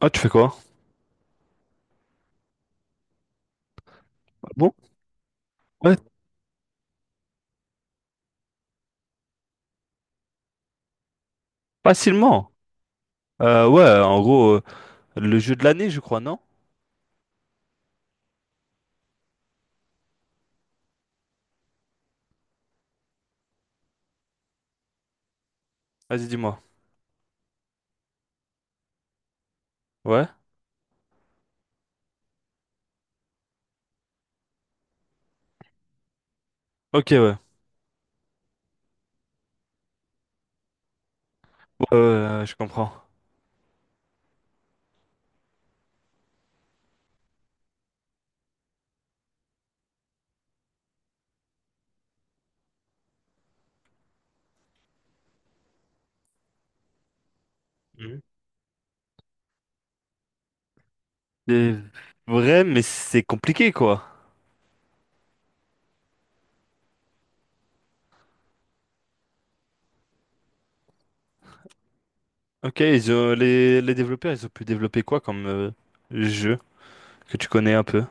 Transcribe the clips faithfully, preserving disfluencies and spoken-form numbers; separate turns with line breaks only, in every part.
Ah, tu fais quoi? Ah bon? Ouais, facilement. Euh, ouais, en gros, euh, le jeu de l'année, je crois, non? Vas-y, dis-moi. Ouais? Ok, ouais. Ouais, ouais, ouais, ouais, je comprends. Mhm. C'est vrai, mais c'est compliqué, quoi. Ok, ils ont- les, les développeurs, ils ont pu développer quoi comme euh, jeu que tu connais un peu?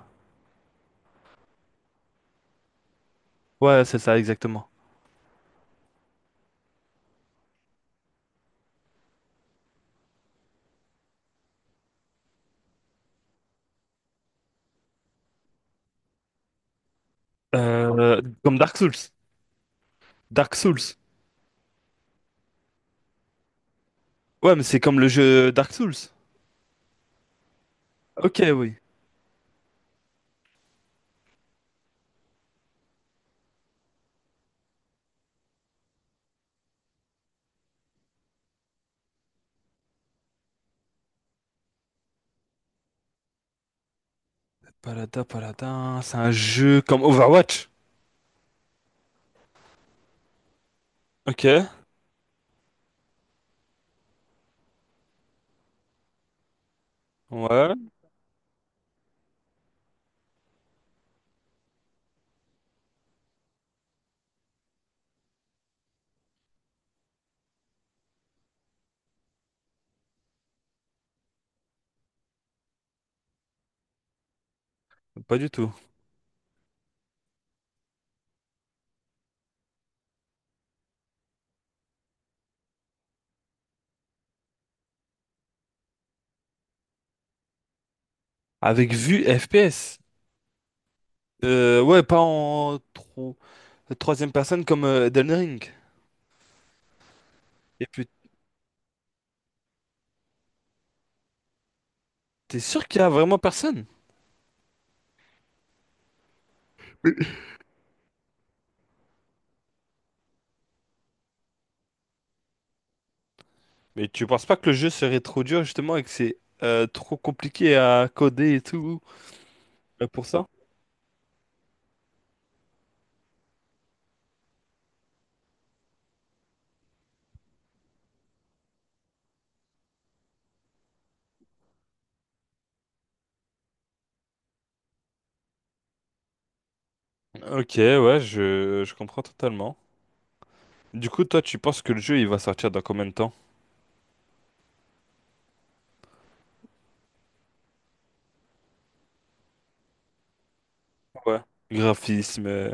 Ouais, c'est ça, exactement. Euh, comme Dark Souls. Dark Souls. Ouais, mais c'est comme le jeu Dark Souls. Ok, oui. Paladin, Paladin, c'est un jeu comme Overwatch. Ok. Ouais, pas du tout. Avec vue F P S. Euh, ouais, pas en tro- troisième personne comme euh, Elden Ring. Et puis, t'es sûr qu'il y a vraiment personne? Mais tu penses pas que le jeu serait trop dur justement et que c'est euh, trop compliqué à coder et tout euh, pour ça? Ok, ouais, je, je comprends totalement. Du coup, toi, tu penses que le jeu, il va sortir dans combien de temps? Ouais. Graphisme... euh,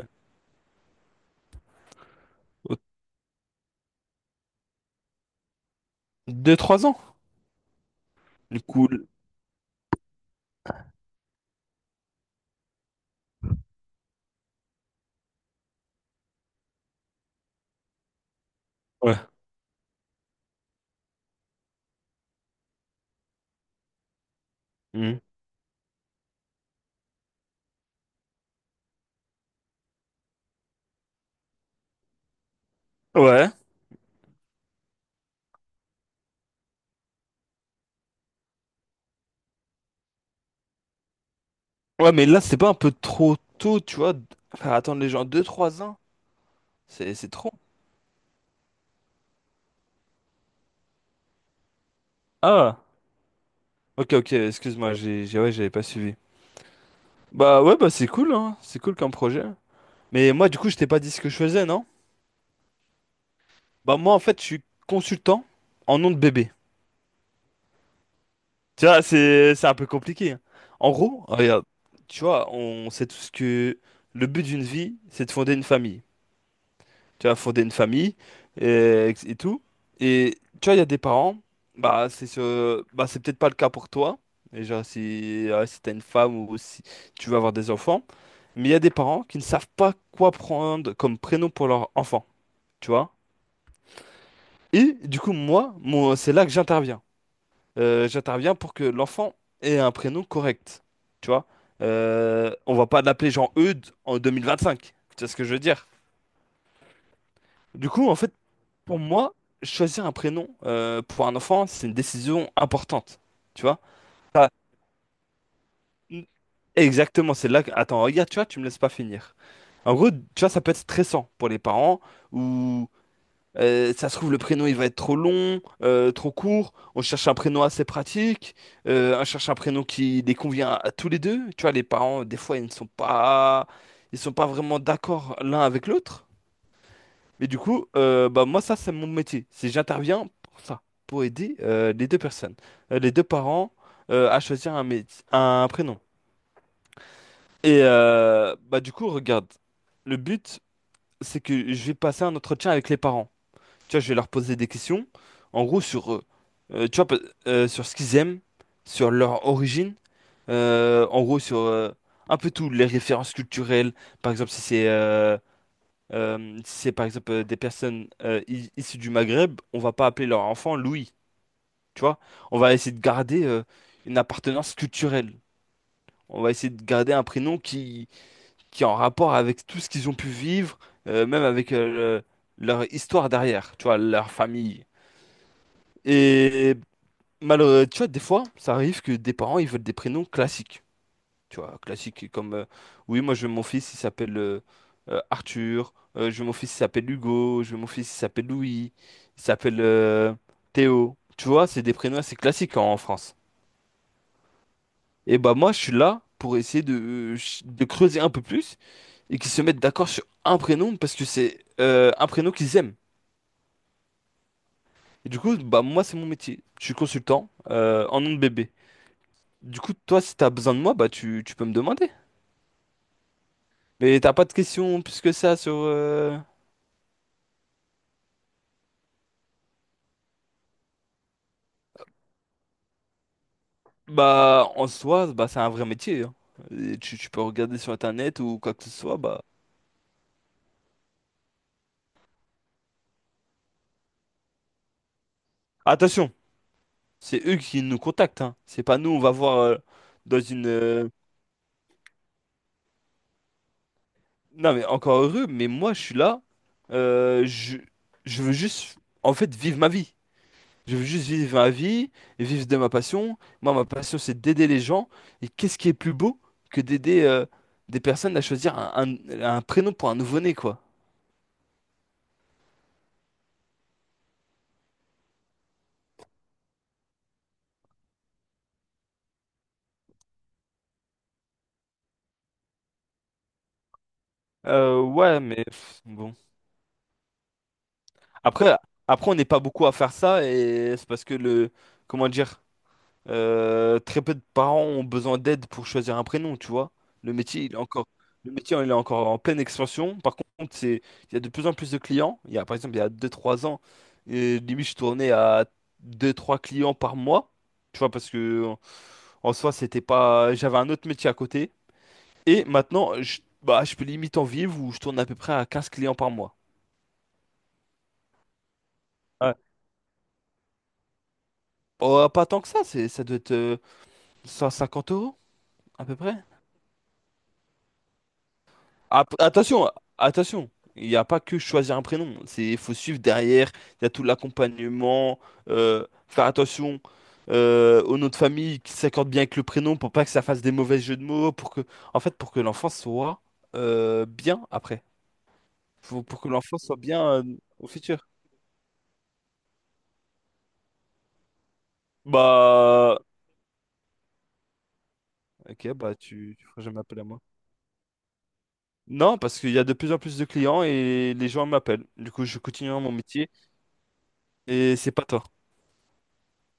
au- Deux, trois ans? Du coup... le- Ouais. Mhm. Ouais. Ouais, mais là, c'est pas un peu trop tôt, tu vois, d- faire attendre les gens deux, trois ans? C'est c'est trop. Ah, ok, ok, excuse-moi, ouais. j'ai, j'ai- ouais, j'avais pas suivi. Bah ouais, bah c'est cool, hein, c'est cool comme projet. Mais moi, du coup, je t'ai pas dit ce que je faisais, non? Bah moi, en fait, je suis consultant en nom de bébé. Tu vois, c'est, c'est un peu compliqué, hein. En gros, regarde, tu vois, on sait tous que le but d'une vie, c'est de fonder une famille. Tu vois, fonder une famille et, et tout. Et tu vois, il y a des parents, bah c'est ce, bah c'est peut-être pas le cas pour toi, et genre si, euh, si t'as une femme ou si tu veux avoir des enfants, mais il y a des parents qui ne savent pas quoi prendre comme prénom pour leur enfant, tu vois. Et du coup, moi, moi c'est là que j'interviens. Euh, j'interviens pour que l'enfant ait un prénom correct, tu vois. Euh, on va pas l'appeler Jean-Eudes en deux mille vingt-cinq, tu vois ce que je veux dire. Du coup, en fait, pour moi, choisir un prénom euh, pour un enfant, c'est une décision importante. Tu vois? Ça- exactement, c'est là que... Attends, regarde, tu vois, tu me laisses pas finir. En gros, tu vois, ça peut être stressant pour les parents, ou euh, ça se trouve, le prénom, il va être trop long, euh, trop court, on cherche un prénom assez pratique, euh, on cherche un prénom qui les convient à, à tous les deux. Tu vois, les parents, des fois, ils ne sont pas... Ils sont pas vraiment d'accord l'un avec l'autre. Mais du coup, euh, bah moi ça c'est mon métier. C'est j'interviens pour ça, pour aider euh, les deux personnes, euh, les deux parents euh, à choisir un métier, un prénom. Et euh, bah du coup, regarde, le but c'est que je vais passer un entretien avec les parents. Tu vois, je vais leur poser des questions, en gros sur eux. Euh, tu vois, pe- euh, sur ce qu'ils aiment, sur leur origine, euh, en gros sur euh, un peu tout, les références culturelles, par exemple si c'est euh, euh, si c'est par exemple euh, des personnes euh, i- issues du Maghreb, on va pas appeler leur enfant Louis, tu vois. On va essayer de garder euh, une appartenance culturelle. On va essayer de garder un prénom qui, qui est en rapport avec tout ce qu'ils ont pu vivre, euh, même avec euh, le- leur histoire derrière, tu vois, leur famille. Et malheureusement, tu vois, des fois, ça arrive que des parents, ils veulent des prénoms classiques. Tu vois, classique comme euh, oui, moi je veux mon fils, il s'appelle euh, euh, Arthur. Euh, je veux mon fils, il s'appelle Hugo, je veux mon fils, il s'appelle Louis, il s'appelle euh, Théo. Tu vois, c'est des prénoms assez classiques en, en France. Et bah moi je suis là pour essayer de, euh, ch- de creuser un peu plus et qu'ils se mettent d'accord sur un prénom parce que c'est euh, un prénom qu'ils aiment. Et du coup, bah moi c'est mon métier. Je suis consultant euh, en nom de bébé. Du coup, toi, si t'as besoin de moi, bah tu, tu peux me demander. Mais t'as pas de questions plus que ça sur... euh. Bah, en soi, bah, c'est un vrai métier, hein. Et tu, tu peux regarder sur Internet ou quoi que ce soit. Bah, attention, c'est eux qui nous contactent, hein. C'est pas nous, on va voir euh, dans une. euh. Non, mais encore heureux, mais moi, je suis là. euh, je, je veux juste, en fait, vivre ma vie. Je veux juste vivre ma vie, et vivre de ma passion. Moi, ma passion, c'est d'aider les gens. Et qu'est-ce qui est plus beau que d'aider euh, des personnes à choisir un, un- un prénom pour un nouveau-né, quoi. Euh, ouais, mais pff, bon. Après, après on n'est pas beaucoup à faire ça et c'est parce que le, comment dire, euh, très peu de parents ont besoin d'aide pour choisir un prénom, tu vois. Le métier, il est encore, le métier, il est encore en pleine expansion. Par contre, c'est, il y a de plus en plus de clients. Il y a, par exemple, il y a deux trois ans, euh, limite, je tournais à deux trois clients par mois, tu vois, parce que en, en soi, c'était pas, j'avais un autre métier à côté. Et maintenant, je, bah, je peux limite en vivre où je tourne à peu près à quinze clients par mois. Ouais. Oh, pas tant que ça, c'est, ça doit être. Euh, cent cinquante euros, à peu près? Ap- attention, attention, il n'y a pas que choisir un prénom. C'est, il faut suivre derrière, il y a tout l'accompagnement, euh, faire attention euh, au nom de famille qui s'accorde bien avec le prénom pour pas que ça fasse des mauvais jeux de mots, pour que, en fait, pour que l'enfant soit euh, bien après. Faut- pour que l'enfant soit bien euh, au futur. Bah, ok, bah tu, tu feras jamais appel à moi. Non, parce qu'il y a de plus en plus de clients et les gens m'appellent. Du coup, je continue dans mon métier et c'est pas toi.